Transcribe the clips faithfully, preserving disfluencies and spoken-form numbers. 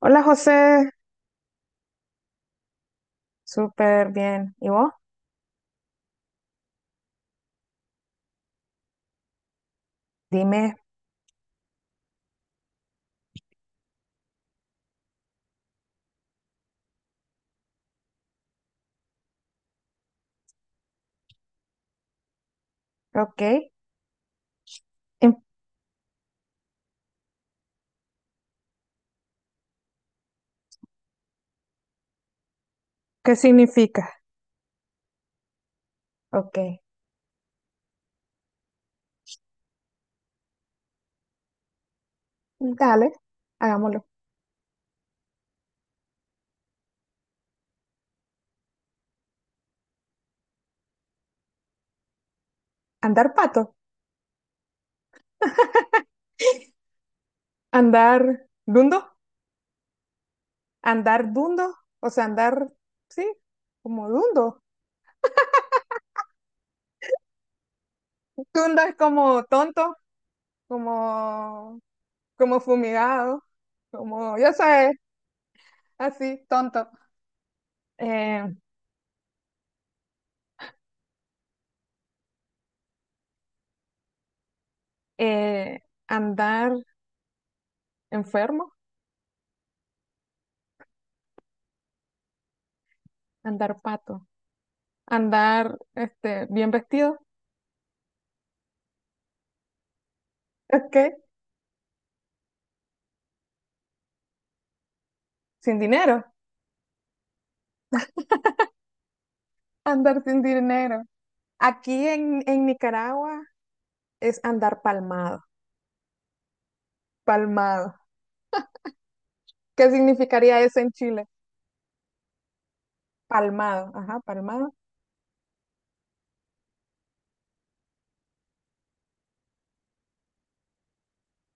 Hola José, súper bien. ¿Y vos? Dime, ok, ¿en- ¿qué significa? Ok, dale, hagámoslo. ¿Andar pato? ¿Andar dundo? ¿Andar dundo? O sea, andar, sí, como dundo. Dundo es como tonto, como, como fumigado, como, yo sé, así, tonto. Eh, eh, andar enfermo, andar pato, andar, este, bien vestido. Ok. Sin dinero, andar sin dinero. Aquí en, en Nicaragua es andar palmado, palmado. ¿Qué significaría eso en Chile? Palmado, ajá, palmado,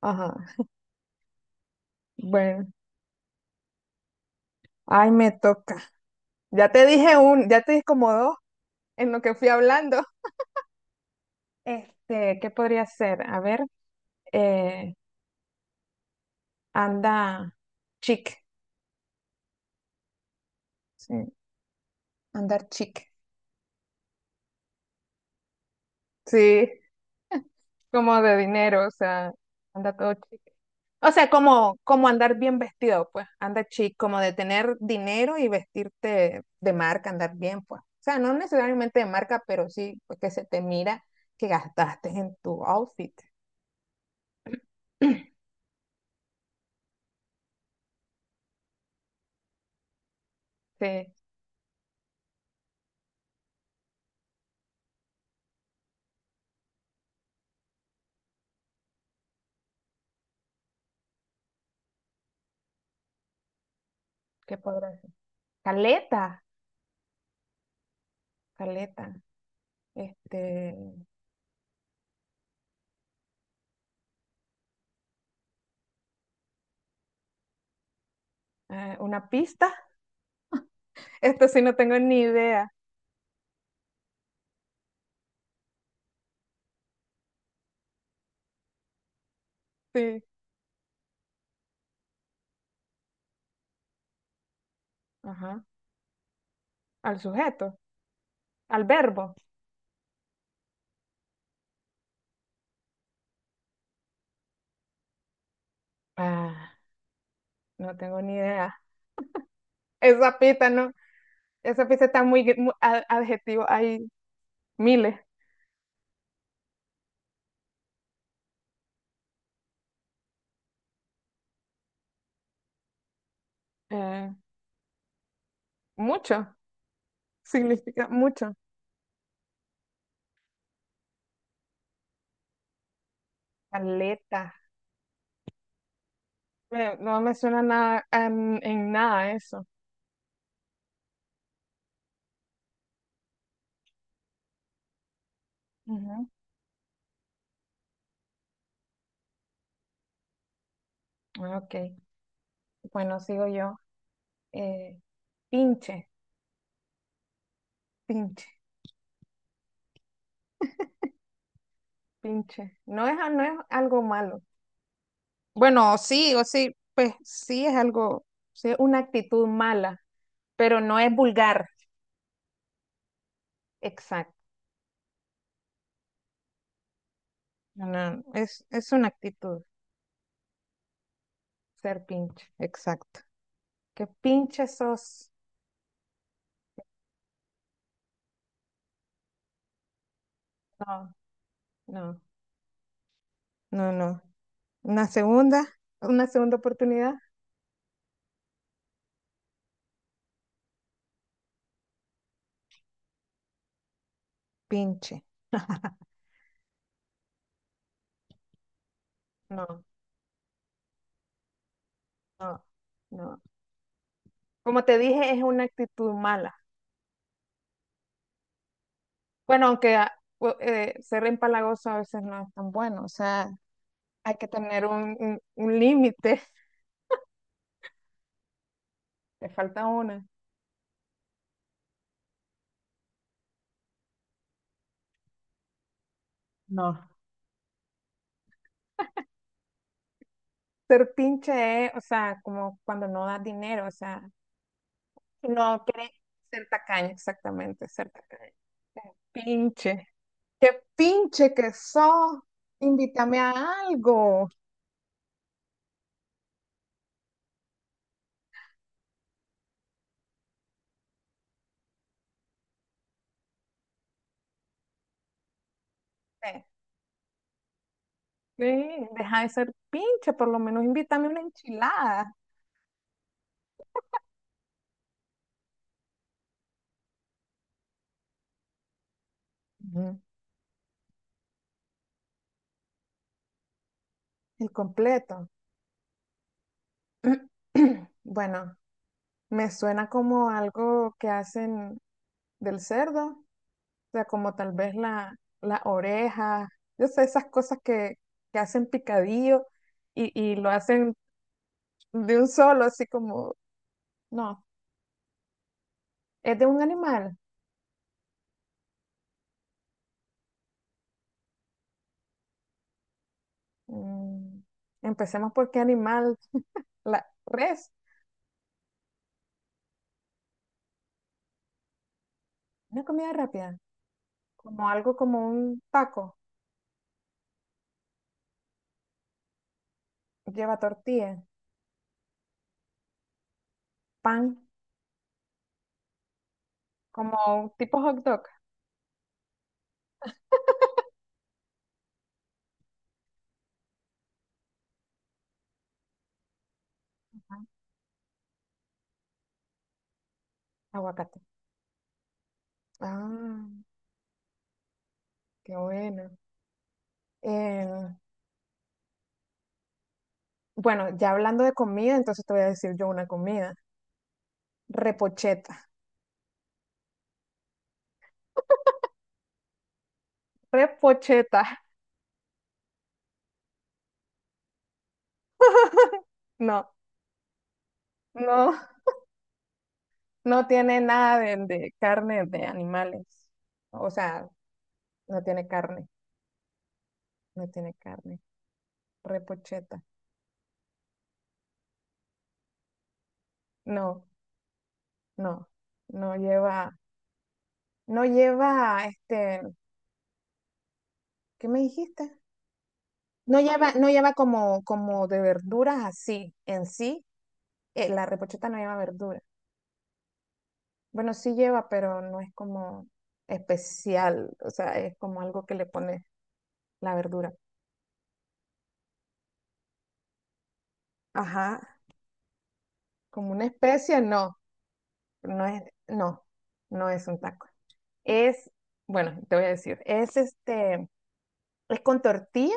ajá. Bueno, ay, me toca. Ya te dije un, ya te dije como dos en lo que fui hablando. Este, ¿qué podría ser? A ver, eh, anda chic, sí, andar chic. Sí, como de dinero, o sea, anda todo chic. O sea, como, como andar bien vestido, pues, anda chic, como de tener dinero y vestirte de marca, andar bien, pues. O sea, no necesariamente de marca, pero sí pues, que se te mira que gastaste en tu outfit. Sí, ¿qué podrá ser? Caleta, caleta. Este, eh, una pista. Esto sí no tengo ni idea. Sí, ajá. Al sujeto, al verbo. Ah, no tengo ni idea. Esa pista no, esa pista está muy, muy a- adjetivo ahí miles, eh, mucho, significa mucho. Caleta. Me- no me suena nada, em, en nada eso. Ujú. Ah, ok, bueno, sigo yo. Eh, pinche, pinche, pinche. No es, no es algo malo. Bueno, sí, o sí, pues sí es algo, sí es una actitud mala, pero no es vulgar. Exacto. No, no, es, es una actitud, ser pinche, exacto. ¿Qué pinche sos? No, no, no, no. Una segunda, una segunda oportunidad, pinche. No, no, no. Como te dije, es una actitud mala. Bueno, aunque ah, pu- eh, ser empalagoso a veces no es tan bueno, o sea, hay que tener un, un, un límite, te falta una. No. Ser pinche es, o sea, como cuando no das dinero, o sea, no quiere ser tacaño, exactamente, ser tacaño. Pinche. Qué pinche que sos. Invítame a algo. Sí. Sí, deja de ser pinche, por lo menos invítame una enchilada. Ujú. El completo. Bueno, me suena como algo que hacen del cerdo, o sea, como tal vez la, la oreja, yo sé, esas cosas que, que hacen picadillo y, y lo hacen de un solo, así como, no, es de un animal. Mm, empecemos por qué animal, la res, una comida rápida, como algo como un taco. Lleva tortilla, pan, como tipo hot dog, ah, aguacate. Ah, qué bueno. Eh, bueno, ya hablando de comida, entonces te voy a decir yo una comida. Repocheta. Repocheta. No, no, no tiene nada de, de carne de animales. O sea, no tiene carne, no tiene carne. Repocheta. No, no, no lleva, no lleva, este, ¿qué me dijiste? No lleva, no lleva como, como de verduras así, en sí, eh, la repocheta no lleva verdura. Bueno, sí lleva, pero no es como especial, o sea, es como algo que le pone la verdura. Ajá, como una especie, no, no es, no, no es un taco. Es, bueno, te voy a decir, es este, es con tortilla.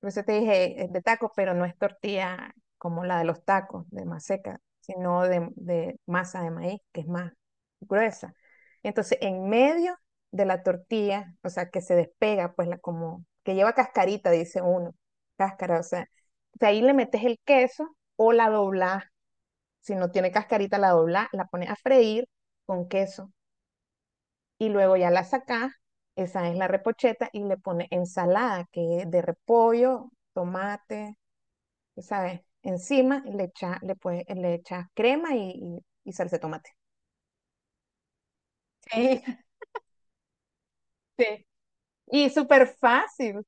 Por eso te dije es de tacos, pero no es tortilla como la de los tacos de maseca, sino de, de masa de maíz, que es más gruesa. Entonces, en medio de la tortilla, o sea, que se despega, pues la como, que lleva cascarita, dice uno, cáscara, o sea, de ahí le metes el queso o la doblás. Si no tiene cascarita, la doblás, la pones a freír con queso y luego ya la sacás, esa es la repocheta, y le pones ensalada, que es de repollo, tomate, ¿sabes? Encima le echa, le, puedes- le echas crema y, y, y salsa de tomate. Sí, sí. Y súper fácil.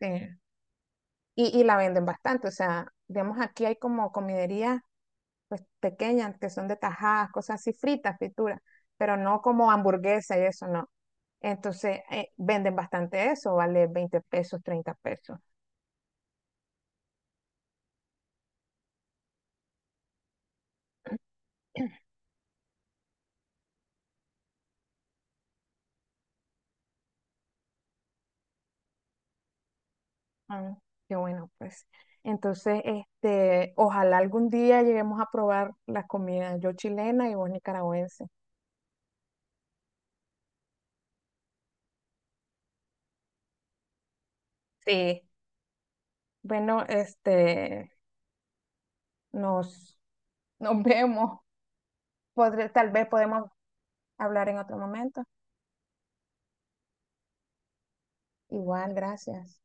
Sí. Y, y la venden bastante. O sea, digamos, aquí hay como comiderías pues, pequeñas que son de tajadas, cosas así fritas, frituras, pero no como hamburguesa y eso, no. Entonces, eh, venden bastante eso, vale veinte pesos, treinta pesos. Ah, qué bueno, pues. Entonces, este, ojalá algún día lleguemos a probar la comida, yo chilena y vos nicaragüense. Sí, bueno, este, nos, nos vemos. Podré- tal vez podemos hablar en otro momento. Igual, gracias.